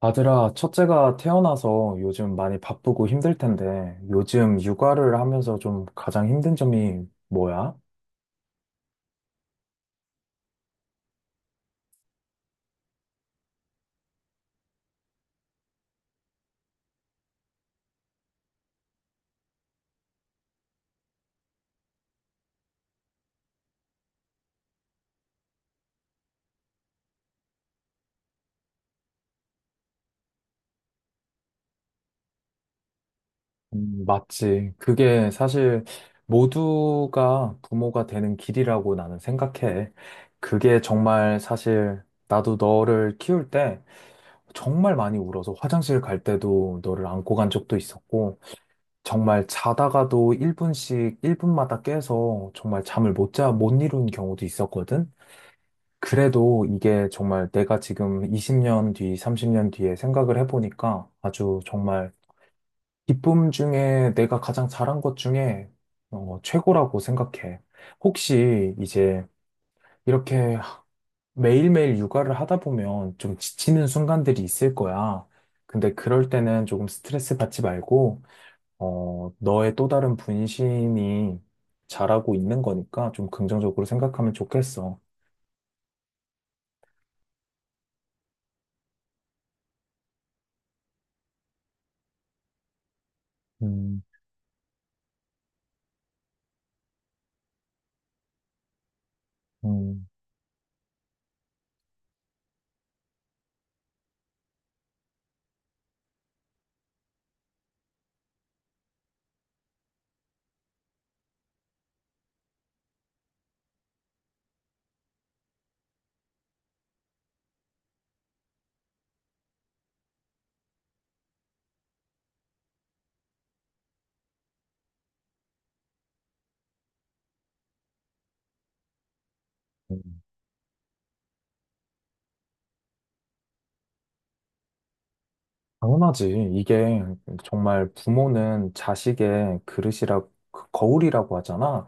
아들아, 첫째가 태어나서 요즘 많이 바쁘고 힘들 텐데, 요즘 육아를 하면서 좀 가장 힘든 점이 뭐야? 맞지. 그게 사실 모두가 부모가 되는 길이라고 나는 생각해. 그게 정말 사실 나도 너를 키울 때 정말 많이 울어서 화장실 갈 때도 너를 안고 간 적도 있었고, 정말 자다가도 1분씩, 1분마다 깨서 정말 잠을 못 이룬 경우도 있었거든? 그래도 이게 정말 내가 지금 20년 뒤, 30년 뒤에 생각을 해보니까 아주 정말 기쁨 중에 내가 가장 잘한 것 중에 최고라고 생각해. 혹시 이제 이렇게 매일매일 육아를 하다 보면 좀 지치는 순간들이 있을 거야. 근데 그럴 때는 조금 스트레스 받지 말고, 너의 또 다른 분신이 잘하고 있는 거니까 좀 긍정적으로 생각하면 좋겠어. 음, 음. 음. 당연하지. 이게 정말 부모는 자식의 그릇이라, 그 거울이라고 하잖아.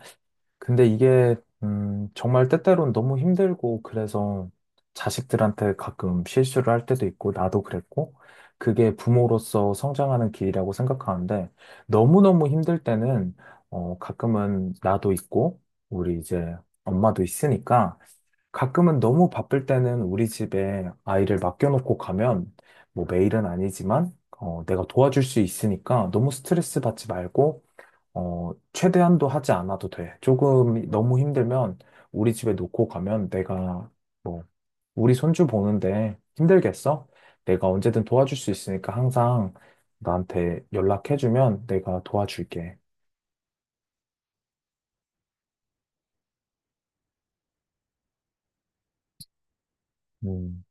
근데 이게 정말 때때로는 너무 힘들고 그래서 자식들한테 가끔 실수를 할 때도 있고 나도 그랬고 그게 부모로서 성장하는 길이라고 생각하는데 너무너무 힘들 때는 가끔은 나도 있고 우리 이제 엄마도 있으니까 가끔은 너무 바쁠 때는 우리 집에 아이를 맡겨놓고 가면 뭐 매일은 아니지만 내가 도와줄 수 있으니까 너무 스트레스 받지 말고 최대한도 하지 않아도 돼. 조금 너무 힘들면 우리 집에 놓고 가면 내가 뭐 우리 손주 보는데 힘들겠어? 내가 언제든 도와줄 수 있으니까 항상 나한테 연락해주면 내가 도와줄게. 음,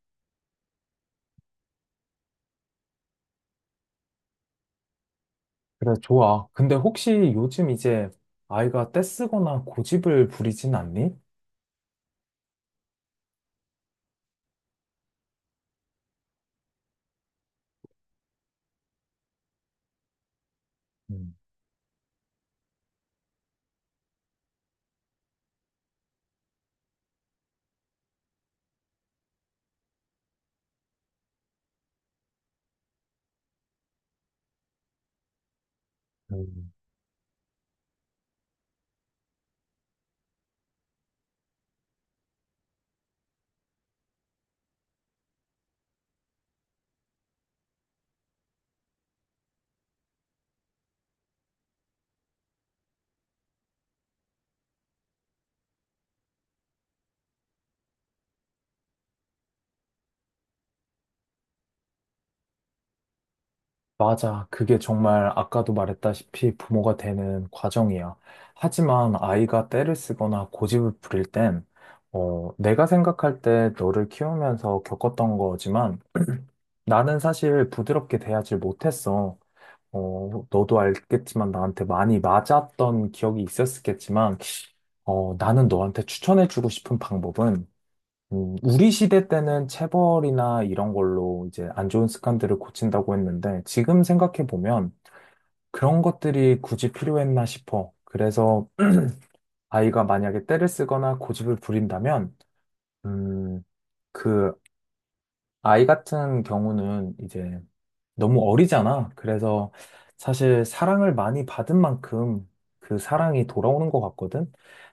그래, 좋아. 근데 혹시 요즘 이제 아이가 떼쓰거나 고집을 부리진 않니? 음, 음. 맞아. 그게 정말 아까도 말했다시피 부모가 되는 과정이야. 하지만 아이가 떼를 쓰거나 고집을 부릴 땐, 내가 생각할 때 너를 키우면서 겪었던 거지만 나는 사실 부드럽게 대하지 못했어. 너도 알겠지만 나한테 많이 맞았던 기억이 있었겠지만, 나는 너한테 추천해주고 싶은 방법은, 우리 시대 때는 체벌이나 이런 걸로 이제 안 좋은 습관들을 고친다고 했는데, 지금 생각해보면, 그런 것들이 굳이 필요했나 싶어. 그래서 아이가 만약에 떼를 쓰거나 고집을 부린다면, 음, 그 아이 같은 경우는 이제 너무 어리잖아. 그래서 사실 사랑을 많이 받은 만큼 그 사랑이 돌아오는 것 같거든.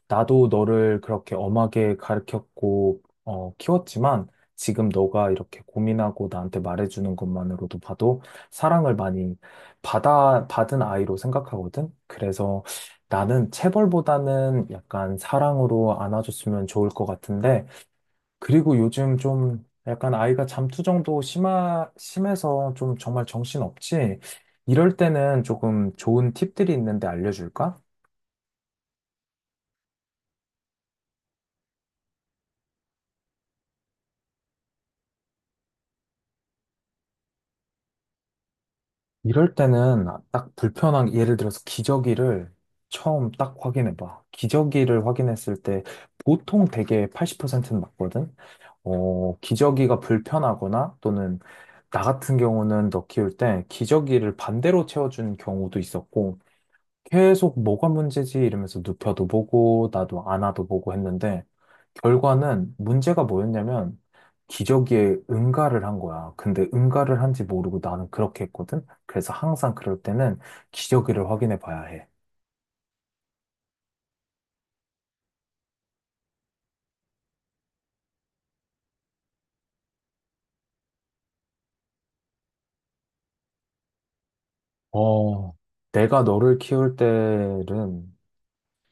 나도 너를 그렇게 엄하게 가르쳤고, 키웠지만 지금 너가 이렇게 고민하고 나한테 말해주는 것만으로도 봐도 사랑을 많이 받은 아이로 생각하거든. 그래서 나는 체벌보다는 약간 사랑으로 안아줬으면 좋을 것 같은데, 그리고 요즘 좀 약간 아이가 잠투정도 심해서 좀 정말 정신없지? 이럴 때는 조금 좋은 팁들이 있는데 알려줄까? 이럴 때는 딱 불편한, 예를 들어서 기저귀를 처음 딱 확인해봐. 기저귀를 확인했을 때 보통 되게 80%는 맞거든? 기저귀가 불편하거나 또는 나 같은 경우는 너 키울 때 기저귀를 반대로 채워준 경우도 있었고, 계속 뭐가 문제지 이러면서 눕혀도 보고 나도 안아도 보고 했는데 결과는 문제가 뭐였냐면 기저귀에 응가를 한 거야. 근데 응가를 한지 모르고 나는 그렇게 했거든. 그래서 항상 그럴 때는 기저귀를 확인해 봐야 해. 어, 내가 너를 키울 때는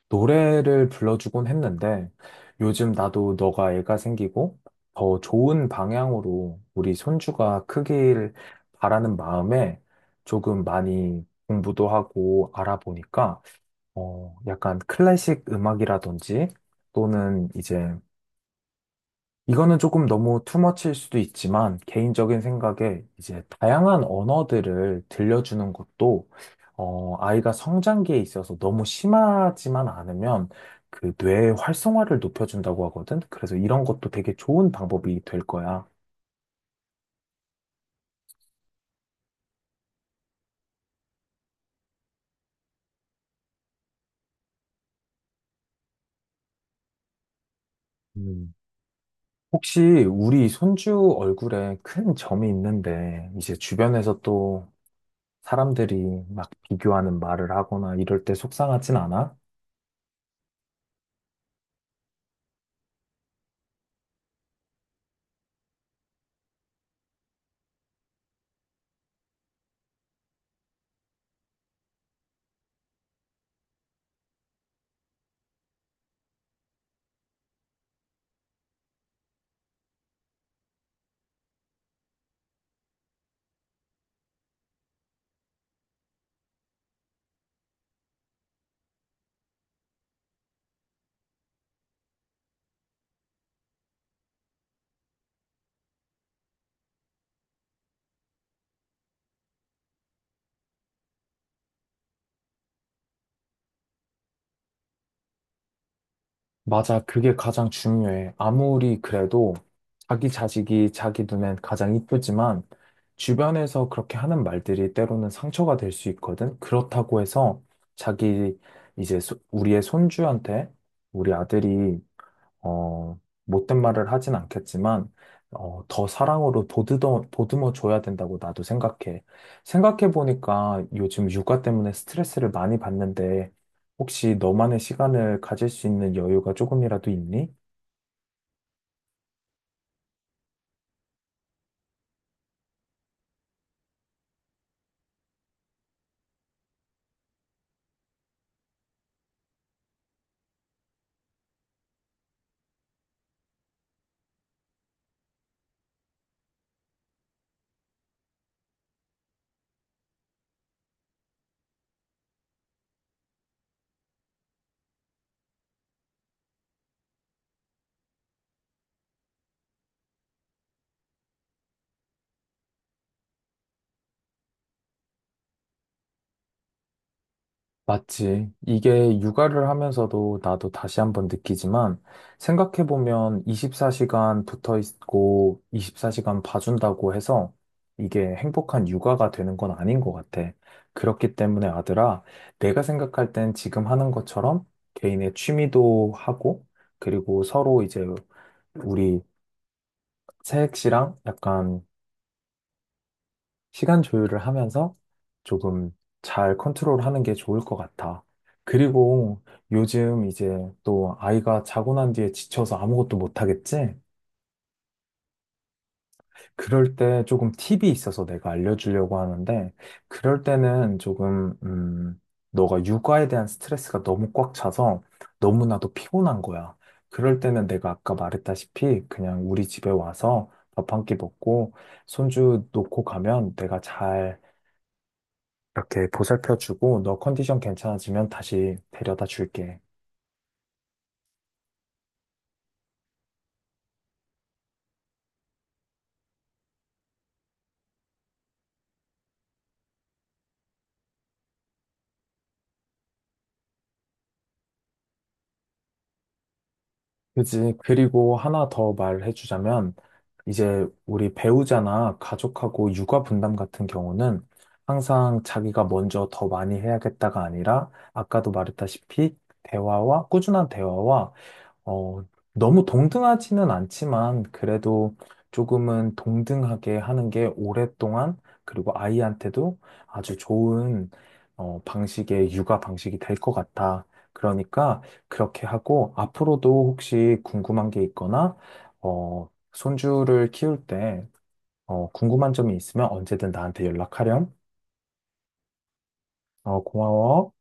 노래를 불러주곤 했는데 요즘 나도 너가 애가 생기고 더 좋은 방향으로 우리 손주가 크길 바라는 마음에 조금 많이 공부도 하고 알아보니까 약간 클래식 음악이라든지 또는 이제 이거는 조금 너무 투머치일 수도 있지만, 개인적인 생각에 이제 다양한 언어들을 들려주는 것도, 아이가 성장기에 있어서 너무 심하지만 않으면 그 뇌의 활성화를 높여준다고 하거든? 그래서 이런 것도 되게 좋은 방법이 될 거야. 음. 혹시 우리 손주 얼굴에 큰 점이 있는데, 이제 주변에서 또 사람들이 막 비교하는 말을 하거나 이럴 때 속상하진 않아? 맞아. 그게 가장 중요해. 아무리 그래도 자기 자식이 자기 눈엔 가장 이쁘지만 주변에서 그렇게 하는 말들이 때로는 상처가 될 수 있거든. 그렇다고 해서 자기 이제 우리의 손주한테 우리 아들이 어, 못된 말을 하진 않겠지만, 더 사랑으로 보듬어 줘야 된다고 나도 생각해. 생각해보니까 요즘 육아 때문에 스트레스를 많이 받는데, 혹시 너만의 시간을 가질 수 있는 여유가 조금이라도 있니? 맞지. 이게 육아를 하면서도 나도 다시 한번 느끼지만 생각해보면 24시간 붙어 있고 24시간 봐준다고 해서 이게 행복한 육아가 되는 건 아닌 것 같아. 그렇기 때문에 아들아, 내가 생각할 땐 지금 하는 것처럼 개인의 취미도 하고 그리고 서로 이제 우리 새액씨랑 약간 시간 조율을 하면서 조금 잘 컨트롤하는 게 좋을 것 같아. 그리고 요즘 이제 또 아이가 자고 난 뒤에 지쳐서 아무것도 못 하겠지? 그럴 때 조금 팁이 있어서 내가 알려주려고 하는데, 그럴 때는 조금, 너가 육아에 대한 스트레스가 너무 꽉 차서 너무나도 피곤한 거야. 그럴 때는 내가 아까 말했다시피 그냥 우리 집에 와서 밥 한 끼 먹고 손주 놓고 가면 내가 잘 이렇게 보살펴주고 너 컨디션 괜찮아지면 다시 데려다 줄게. 그지? 그리고 하나 더 말해주자면 이제 우리 배우자나 가족하고 육아 분담 같은 경우는 항상 자기가 먼저 더 많이 해야겠다가 아니라 아까도 말했다시피 대화와 꾸준한 대화와 어, 너무 동등하지는 않지만 그래도 조금은 동등하게 하는 게 오랫동안 그리고 아이한테도 아주 좋은 방식의 육아 방식이 될 것 같아. 그러니까 그렇게 하고 앞으로도 혹시 궁금한 게 있거나 손주를 키울 때 궁금한 점이 있으면 언제든 나한테 연락하렴. 고마워.